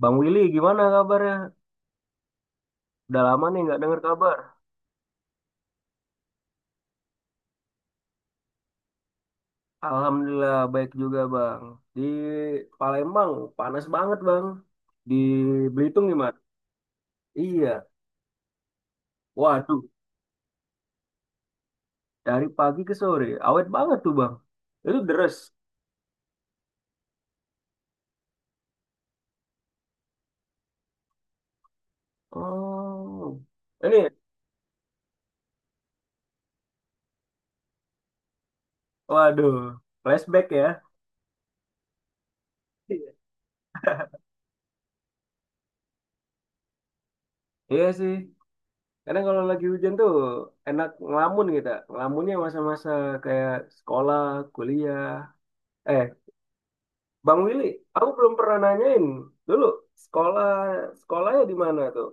Bang Willy, gimana kabarnya? Udah lama nih nggak dengar kabar. Alhamdulillah baik juga Bang. Di Palembang panas banget Bang. Di Belitung gimana? Iya. Waduh, dari pagi ke sore awet banget tuh Bang. Itu deres. Oh, ini waduh, flashback ya. Iya Iya sih. Kadang kalau lagi hujan tuh enak ngelamun kita. Ngelamunnya masa-masa kayak sekolah, kuliah. Eh, Bang Willy, aku belum pernah nanyain dulu sekolah sekolahnya di mana tuh?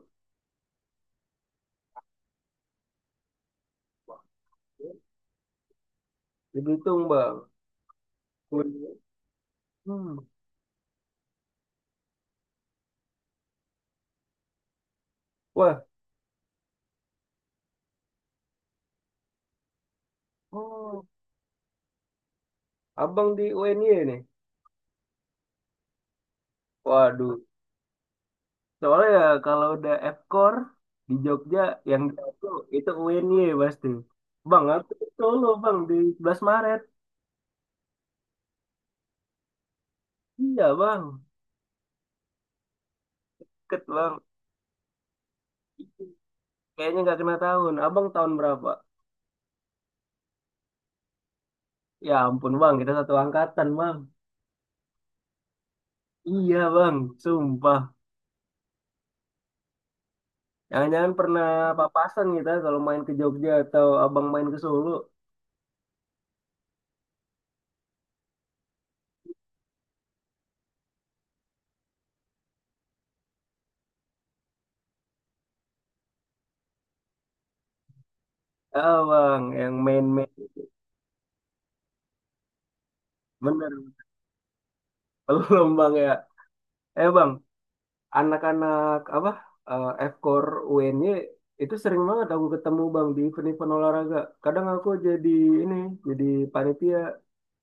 Di Belitung, Bang. Hmm. Wah, oh, Abang di UNY nih. Waduh, soalnya ya kalau udah Fkor di Jogja yang itu itu UNY pasti. Bang, aku di Solo, Bang, di 11 Maret. Iya, Bang. Ket, Bang. Kayaknya nggak kena tahun. Abang tahun berapa? Ya ampun, Bang, kita satu angkatan, Bang. Iya, Bang, sumpah. Jangan-jangan pernah papasan kita kalau main ke Jogja atau abang main ke Solo. Ah, bang, yang main-main. Bener, belum bang ya. Eh bang, anak-anak apa, F-Core UNY itu sering banget aku ketemu bang di event-event olahraga. Kadang aku jadi ini, jadi panitia.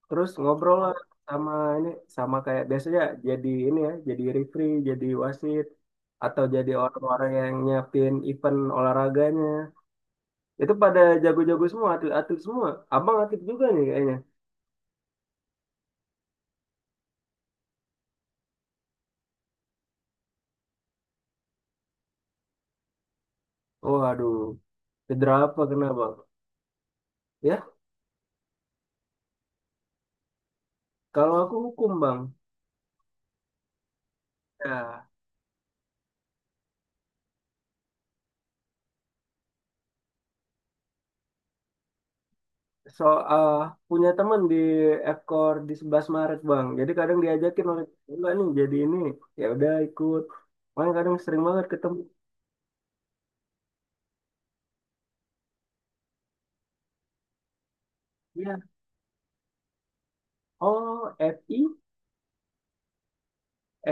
Terus ngobrol lah sama ini, sama kayak biasanya jadi ini ya, jadi referee, jadi wasit. Atau jadi orang-orang yang nyiapin event olahraganya. Itu pada jago-jago semua, atlet-atlet semua. Abang atlet juga nih kayaknya. Oh, aduh. Cedera apa kena, Bang? Ya, kalau aku hukum, Bang. Ya, so, ah, punya teman di Ekor di 11 Maret, Bang. Jadi kadang diajakin oleh enggak nih, jadi ini. Ya udah ikut. Makanya kadang sering banget ketemu. Iya. Oh, FI?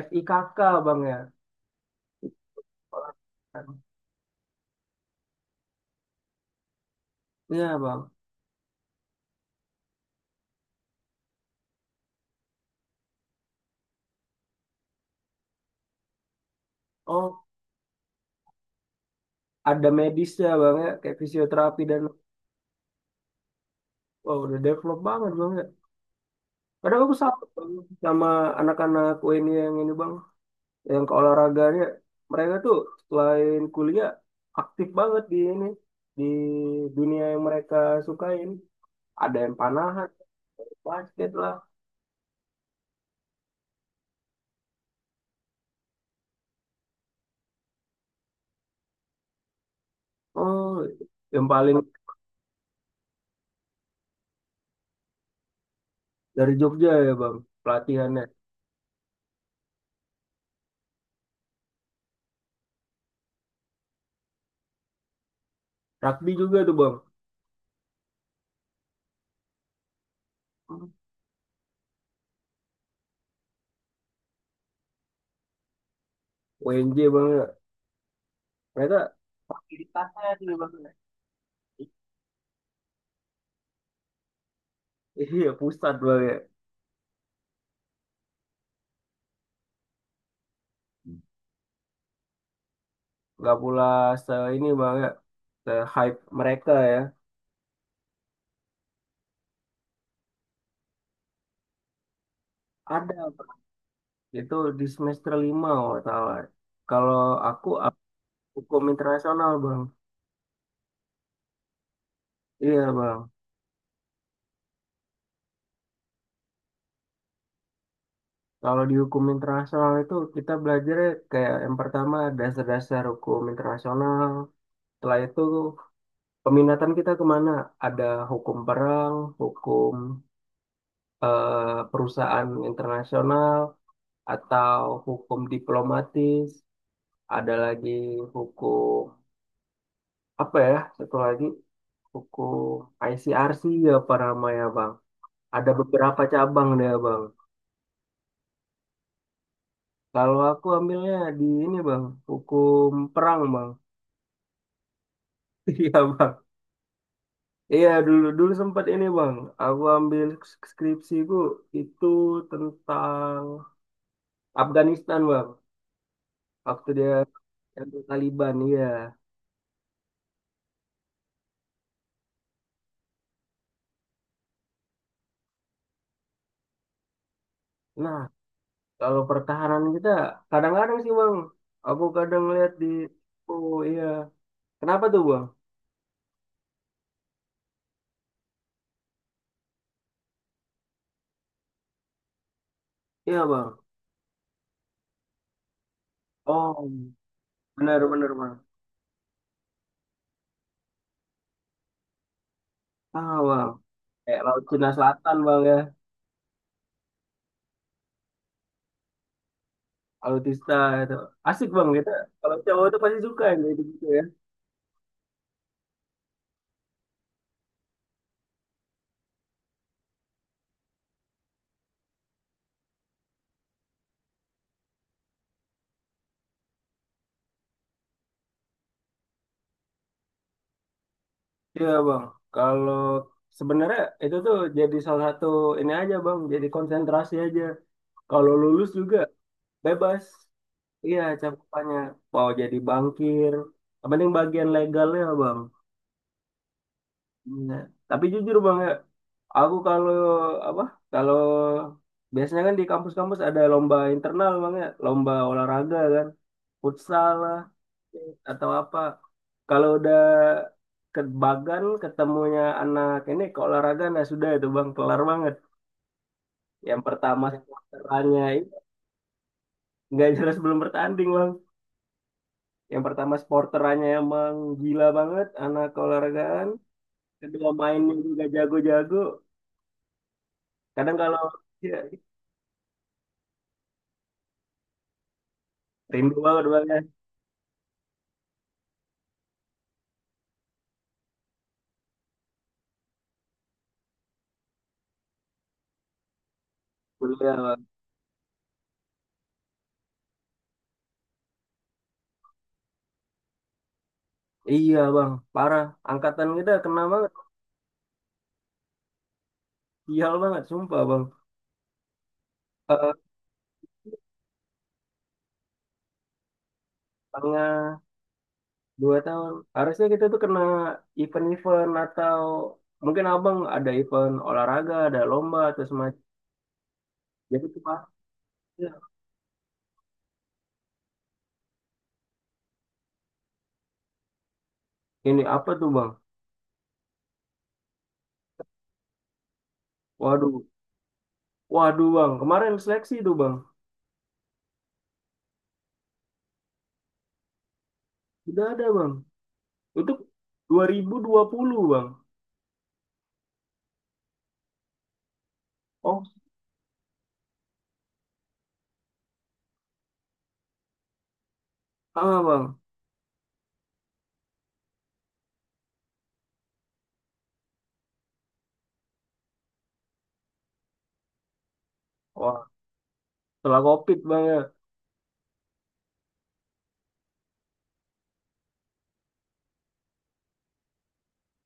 FI kakak, Bang ya. Iya, Bang. Oh, ada medisnya, Bang ya. Kayak fisioterapi dan... Oh, udah develop banget, Bang ya? Kadang aku salut Bang, sama anak-anak UIN yang ini bang, yang keolahragaannya. Mereka tuh selain kuliah aktif banget di ini, di dunia yang mereka sukain. Ada yang panahan, basket lah. Oh, yang paling dari Jogja ya bang, pelatihannya. Rugby juga tuh bang, UNJ bang. Ya, mereka fasilitasnya tuh bang. Iya, pusat bang ya. Nggak pula se ini bang ya, se hype mereka ya. Ada Itu di semester lima kalau nggak salah. Kalau aku hukum internasional bang. Iya bang. Kalau di hukum internasional itu kita belajar kayak yang pertama dasar-dasar hukum internasional. Setelah itu peminatan kita kemana? Ada hukum perang, hukum perusahaan internasional, atau hukum diplomatis. Ada lagi hukum apa ya? Satu lagi hukum ICRC ya para maya. Ada beberapa cabang deh, Bang. Kalau aku ambilnya di ini, Bang, hukum perang, Bang. Iya, Bang. Iya, dulu dulu sempat ini, Bang. Aku ambil skripsiku itu tentang Afghanistan, Bang. Waktu dia Yang Taliban, iya. Nah, kalau pertahanan kita kadang-kadang sih, Bang. Aku kadang lihat di oh iya. Kenapa tuh, Bang? Iya, Bang. Oh, benar-benar, Bang. Ah, Bang. Kayak Laut Cina Selatan, Bang ya. Alutista itu asik bang, kita kalau cowok tuh pasti suka yang kayak gitu ya. Iya bang, kalau sebenarnya itu tuh jadi salah satu ini aja bang, jadi konsentrasi aja. Kalau lulus juga bebas, iya cakupannya, mau jadi bankir, yang penting bagian legalnya bang. Iya. Tapi jujur bang ya, aku kalau apa, kalau biasanya kan di kampus-kampus ada lomba internal bang ya, lomba olahraga kan, futsal lah atau apa. Kalau udah ke Bagan ketemunya anak ini ke olahraga, nah sudah itu bang, kelar banget. Yang pertama sporterannya ini, nggak jelas, belum bertanding bang. Yang pertama sporterannya emang gila banget anak keolahragaan, kedua mainnya juga jago-jago. Kadang kalau ya, rindu banget bang ya kuliah bang. Iya bang, parah, angkatan kita kena banget. Sial banget sumpah bang. Eh, tengah 2 tahun. Harusnya kita tuh kena event-event atau mungkin abang ada event olahraga, ada lomba atau semacam. Jadi tuh pasti. Ini apa tuh bang? Waduh, waduh bang. Kemarin seleksi tuh bang. Sudah ada bang. Itu dua 2020 bang. Oh, sama bang. Wah, setelah COVID bang ya.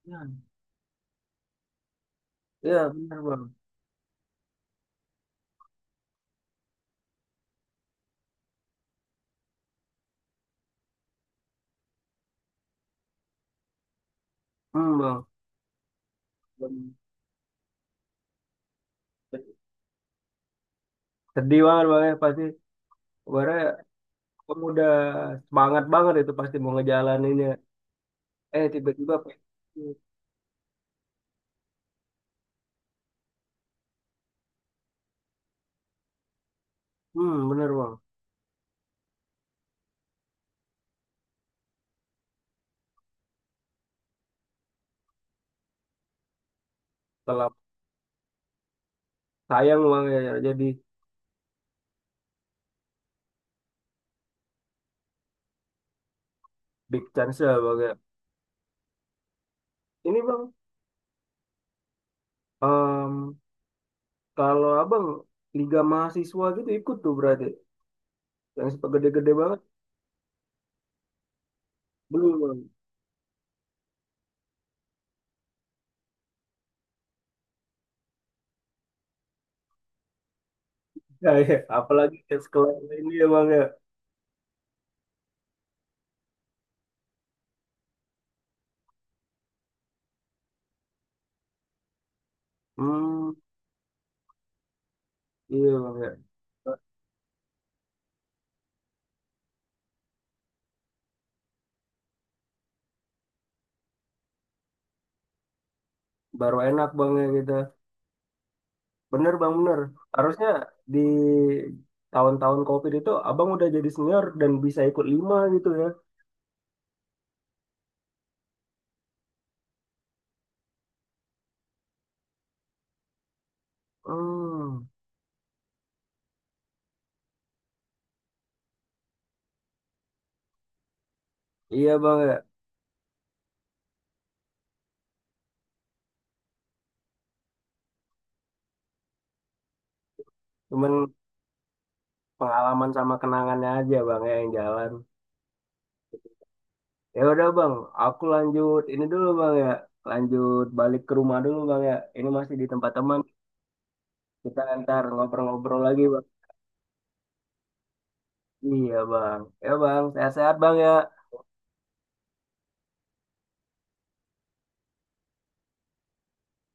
Ya, ya, benar bang. Hmm bang. Sedih banget bang ya pasti. Kemarin kamu udah semangat banget, itu pasti mau ngejalaninnya. Eh tiba-tiba. Hmm bener bang. Setelah sayang bang ya ya. Jadi big chance ya bang ya. Ini bang, em, kalau abang Liga Mahasiswa gitu ikut tuh berarti yang sepak gede-gede banget, belum bang. Ya, ya. Apalagi ke sekolah ini ya bang ya. Hmm, iya bang ya. Baru enak bang ya kita. Bener bang bener. Harusnya di tahun-tahun COVID itu abang udah jadi senior dan bisa ikut lima gitu ya. Hmm, iya bang ya. Cuman pengalaman sama kenangannya aja bang ya yang jalan. Ya udah bang, aku lanjut ini dulu bang ya, lanjut balik ke rumah dulu bang ya. Ini masih di tempat teman, kita ntar ngobrol-ngobrol lagi bang. Iya bang, ya bang, sehat-sehat bang ya.